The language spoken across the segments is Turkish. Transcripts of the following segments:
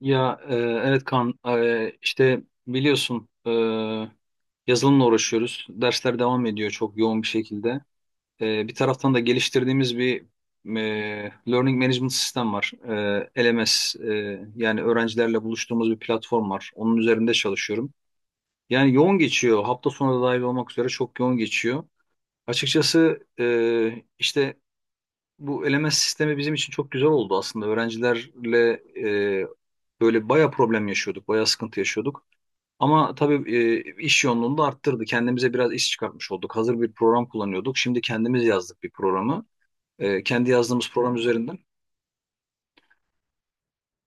Ya evet Kaan, işte biliyorsun yazılımla uğraşıyoruz. Dersler devam ediyor çok yoğun bir şekilde. Bir taraftan da geliştirdiğimiz bir Learning Management Sistem var. LMS, yani öğrencilerle buluştuğumuz bir platform var. Onun üzerinde çalışıyorum. Yani yoğun geçiyor. Hafta sonu da dahil olmak üzere çok yoğun geçiyor. Açıkçası, işte bu eleme sistemi bizim için çok güzel oldu aslında. Öğrencilerle e, böyle baya problem yaşıyorduk, baya sıkıntı yaşıyorduk. Ama tabii iş yoğunluğunu da arttırdı. Kendimize biraz iş çıkartmış olduk. Hazır bir program kullanıyorduk. Şimdi kendimiz yazdık bir programı. Kendi yazdığımız program üzerinden.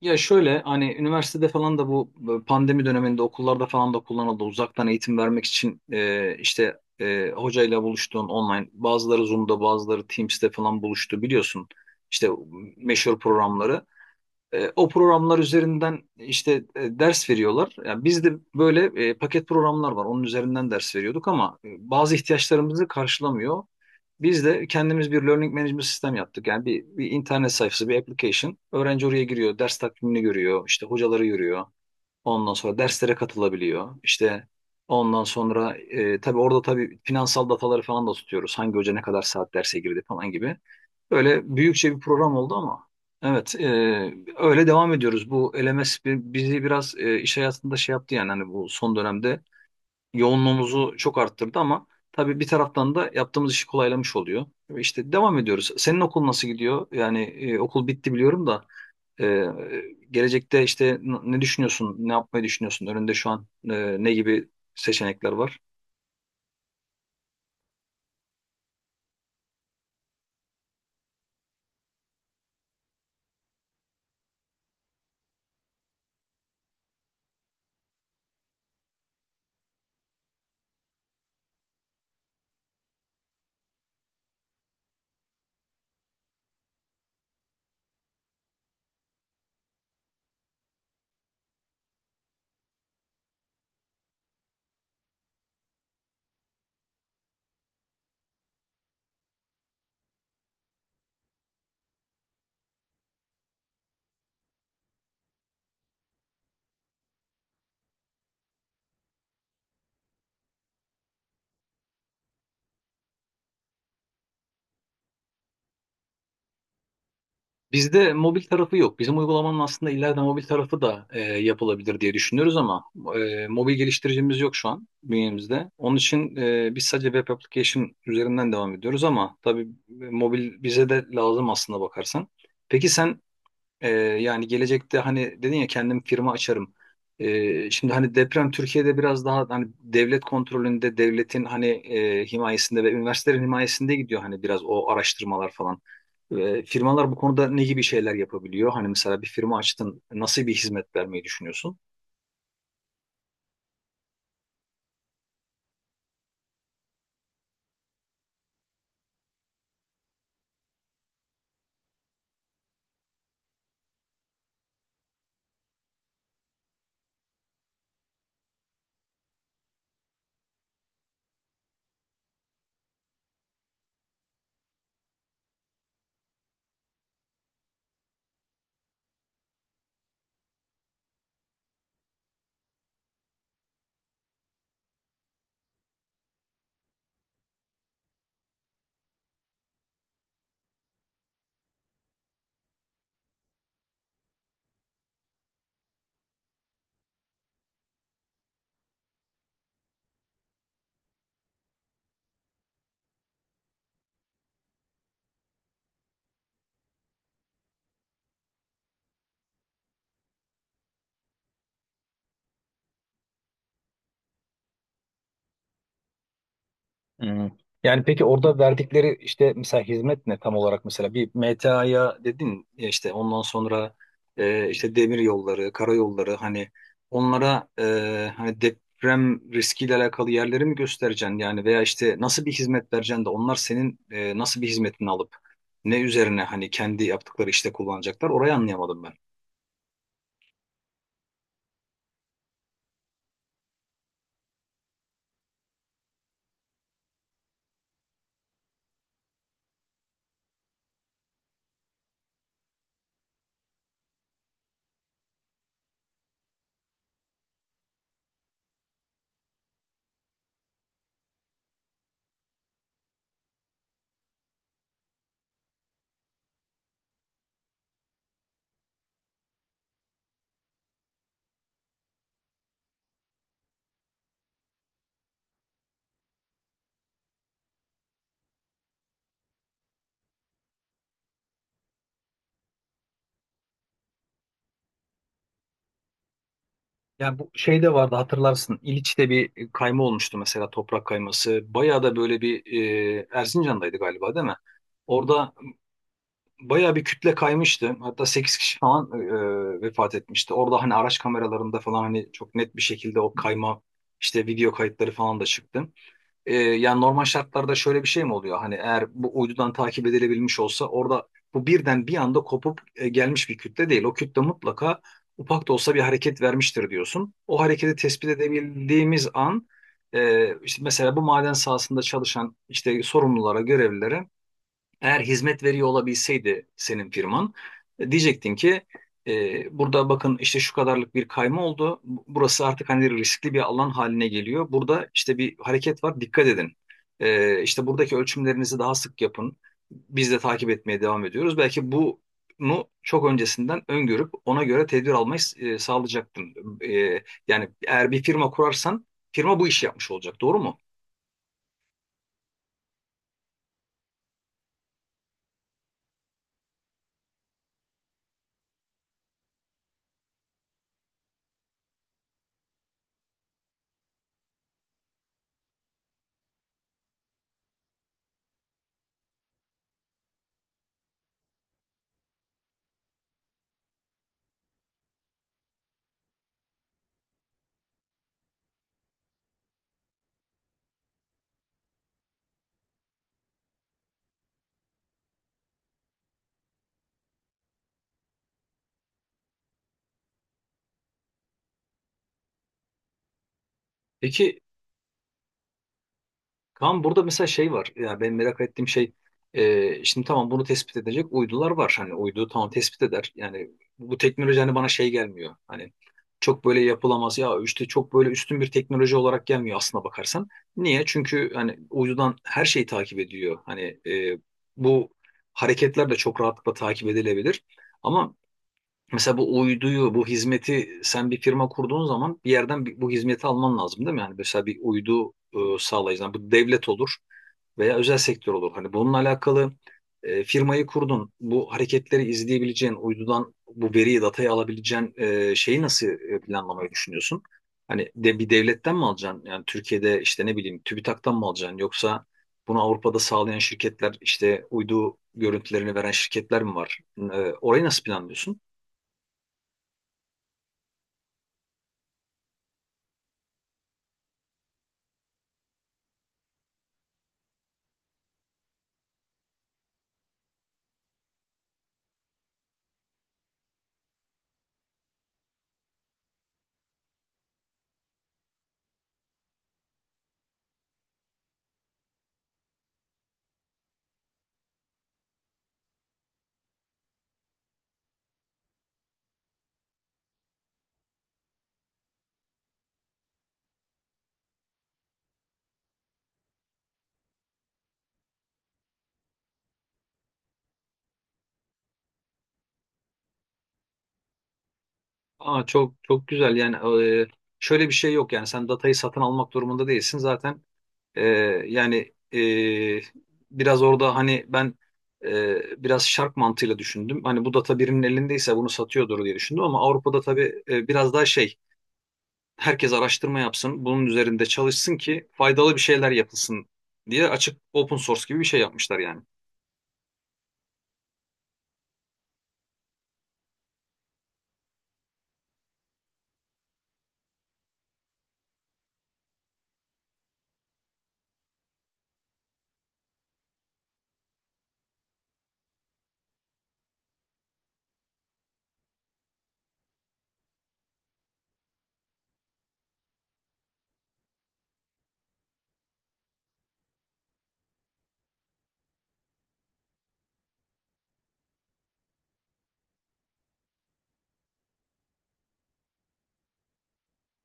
Ya şöyle hani üniversitede falan da bu pandemi döneminde okullarda falan da kullanıldı. Uzaktan eğitim vermek için işte hocayla buluştuğun online, bazıları Zoom'da bazıları Teams'te falan buluştu biliyorsun. İşte meşhur programları. O programlar üzerinden işte ders veriyorlar. Yani bizde böyle paket programlar var. Onun üzerinden ders veriyorduk ama bazı ihtiyaçlarımızı karşılamıyor. Biz de kendimiz bir learning management sistem yaptık. Yani bir internet sayfası, bir application. Öğrenci oraya giriyor, ders takvimini görüyor, işte hocaları görüyor. Ondan sonra derslere katılabiliyor. İşte ondan sonra tabii orada tabii finansal dataları falan da tutuyoruz. Hangi hoca ne kadar saat derse girdi falan gibi. Böyle büyükçe bir program oldu ama evet, öyle devam ediyoruz. Bu LMS bizi biraz iş hayatında şey yaptı yani, hani bu son dönemde yoğunluğumuzu çok arttırdı ama tabii bir taraftan da yaptığımız işi kolaylamış oluyor. İşte devam ediyoruz. Senin okul nasıl gidiyor? Yani okul bitti biliyorum da ee, gelecekte işte ne düşünüyorsun, ne yapmayı düşünüyorsun? Önünde şu an ne gibi seçenekler var? Bizde mobil tarafı yok. Bizim uygulamanın aslında ileride mobil tarafı da yapılabilir diye düşünüyoruz ama mobil geliştiricimiz yok şu an bünyemizde. Onun için biz sadece web application üzerinden devam ediyoruz ama tabii mobil bize de lazım aslında bakarsan. Peki sen, yani gelecekte hani dedin ya kendim firma açarım. Şimdi hani deprem Türkiye'de biraz daha hani devlet kontrolünde, devletin hani himayesinde ve üniversitelerin himayesinde gidiyor hani biraz o araştırmalar falan. Firmalar bu konuda ne gibi şeyler yapabiliyor? Hani mesela bir firma açtın, nasıl bir hizmet vermeyi düşünüyorsun? Hmm. Yani peki orada verdikleri işte mesela hizmet ne tam olarak, mesela bir MTA'ya dedin ya, işte ondan sonra işte demir yolları, karayolları, hani onlara hani deprem riskiyle alakalı yerleri mi göstereceksin yani, veya işte nasıl bir hizmet vereceksin de onlar senin nasıl bir hizmetini alıp ne üzerine hani kendi yaptıkları işte kullanacaklar, orayı anlayamadım ben. Yani bu şey de vardı, hatırlarsın. İliç'te bir kayma olmuştu mesela, toprak kayması. Bayağı da böyle bir Erzincan'daydı galiba değil mi? Orada bayağı bir kütle kaymıştı. Hatta 8 kişi falan vefat etmişti. Orada hani araç kameralarında falan hani çok net bir şekilde o kayma işte video kayıtları falan da çıktı. Yani normal şartlarda şöyle bir şey mi oluyor? Hani eğer bu uydudan takip edilebilmiş olsa orada bu birden bir anda kopup gelmiş bir kütle değil. O kütle mutlaka ufak da olsa bir hareket vermiştir diyorsun. O hareketi tespit edebildiğimiz an, işte mesela bu maden sahasında çalışan işte sorumlulara, görevlilere eğer hizmet veriyor olabilseydi senin firman, diyecektin ki burada bakın işte şu kadarlık bir kayma oldu. Burası artık hani riskli bir alan haline geliyor. Burada işte bir hareket var, dikkat edin. İşte buradaki ölçümlerinizi daha sık yapın. Biz de takip etmeye devam ediyoruz. Belki bunu çok öncesinden öngörüp ona göre tedbir almayı sağlayacaktın. E, Yani eğer bir firma kurarsan firma bu işi yapmış olacak, doğru mu? Peki Kaan, burada mesela şey var. Ya ben merak ettiğim şey, şimdi tamam bunu tespit edecek uydular var. Hani uydu tamam tespit eder. Yani bu teknoloji hani bana şey gelmiyor. Hani çok böyle yapılamaz ya, işte çok böyle üstün bir teknoloji olarak gelmiyor aslına bakarsan. Niye? Çünkü hani uydudan her şeyi takip ediyor. Hani bu hareketler de çok rahatlıkla takip edilebilir. Ama mesela bu uyduyu, bu hizmeti sen bir firma kurduğun zaman bir yerden bu hizmeti alman lazım değil mi? Yani mesela bir uydu sağlayıcı, yani bu devlet olur veya özel sektör olur. Hani bununla alakalı firmayı kurdun, bu hareketleri izleyebileceğin, uydudan bu veriyi, datayı alabileceğin şeyi nasıl planlamayı düşünüyorsun? Hani de bir devletten mi alacaksın? Yani Türkiye'de işte ne bileyim TÜBİTAK'tan mı alacaksın? Yoksa bunu Avrupa'da sağlayan şirketler, işte uydu görüntülerini veren şirketler mi var? Orayı nasıl planlıyorsun? Aa, çok çok güzel yani, şöyle bir şey yok yani, sen datayı satın almak durumunda değilsin zaten. E, Yani biraz orada hani ben biraz şark mantığıyla düşündüm, hani bu data birinin elindeyse bunu satıyordur diye düşündüm, ama Avrupa'da tabii biraz daha şey, herkes araştırma yapsın bunun üzerinde çalışsın ki faydalı bir şeyler yapılsın diye açık, open source gibi bir şey yapmışlar yani.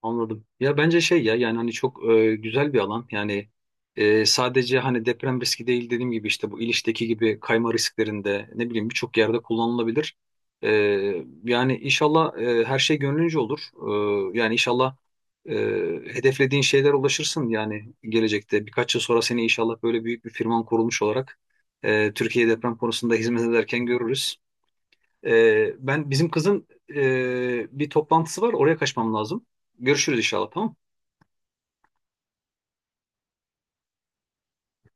Anladım. Ya bence şey ya, yani hani çok güzel bir alan. Yani sadece hani deprem riski değil, dediğim gibi işte bu İliç'teki gibi kayma risklerinde ne bileyim birçok yerde kullanılabilir. E, Yani inşallah her şey gönlünce olur. Yani inşallah e, hedeflediğin şeyler ulaşırsın yani gelecekte. Birkaç yıl sonra seni inşallah böyle büyük bir firman kurulmuş olarak Türkiye deprem konusunda hizmet ederken görürüz. Ben bizim kızın e, bir toplantısı var. Oraya kaçmam lazım. Görüşürüz inşallah, tamam mı?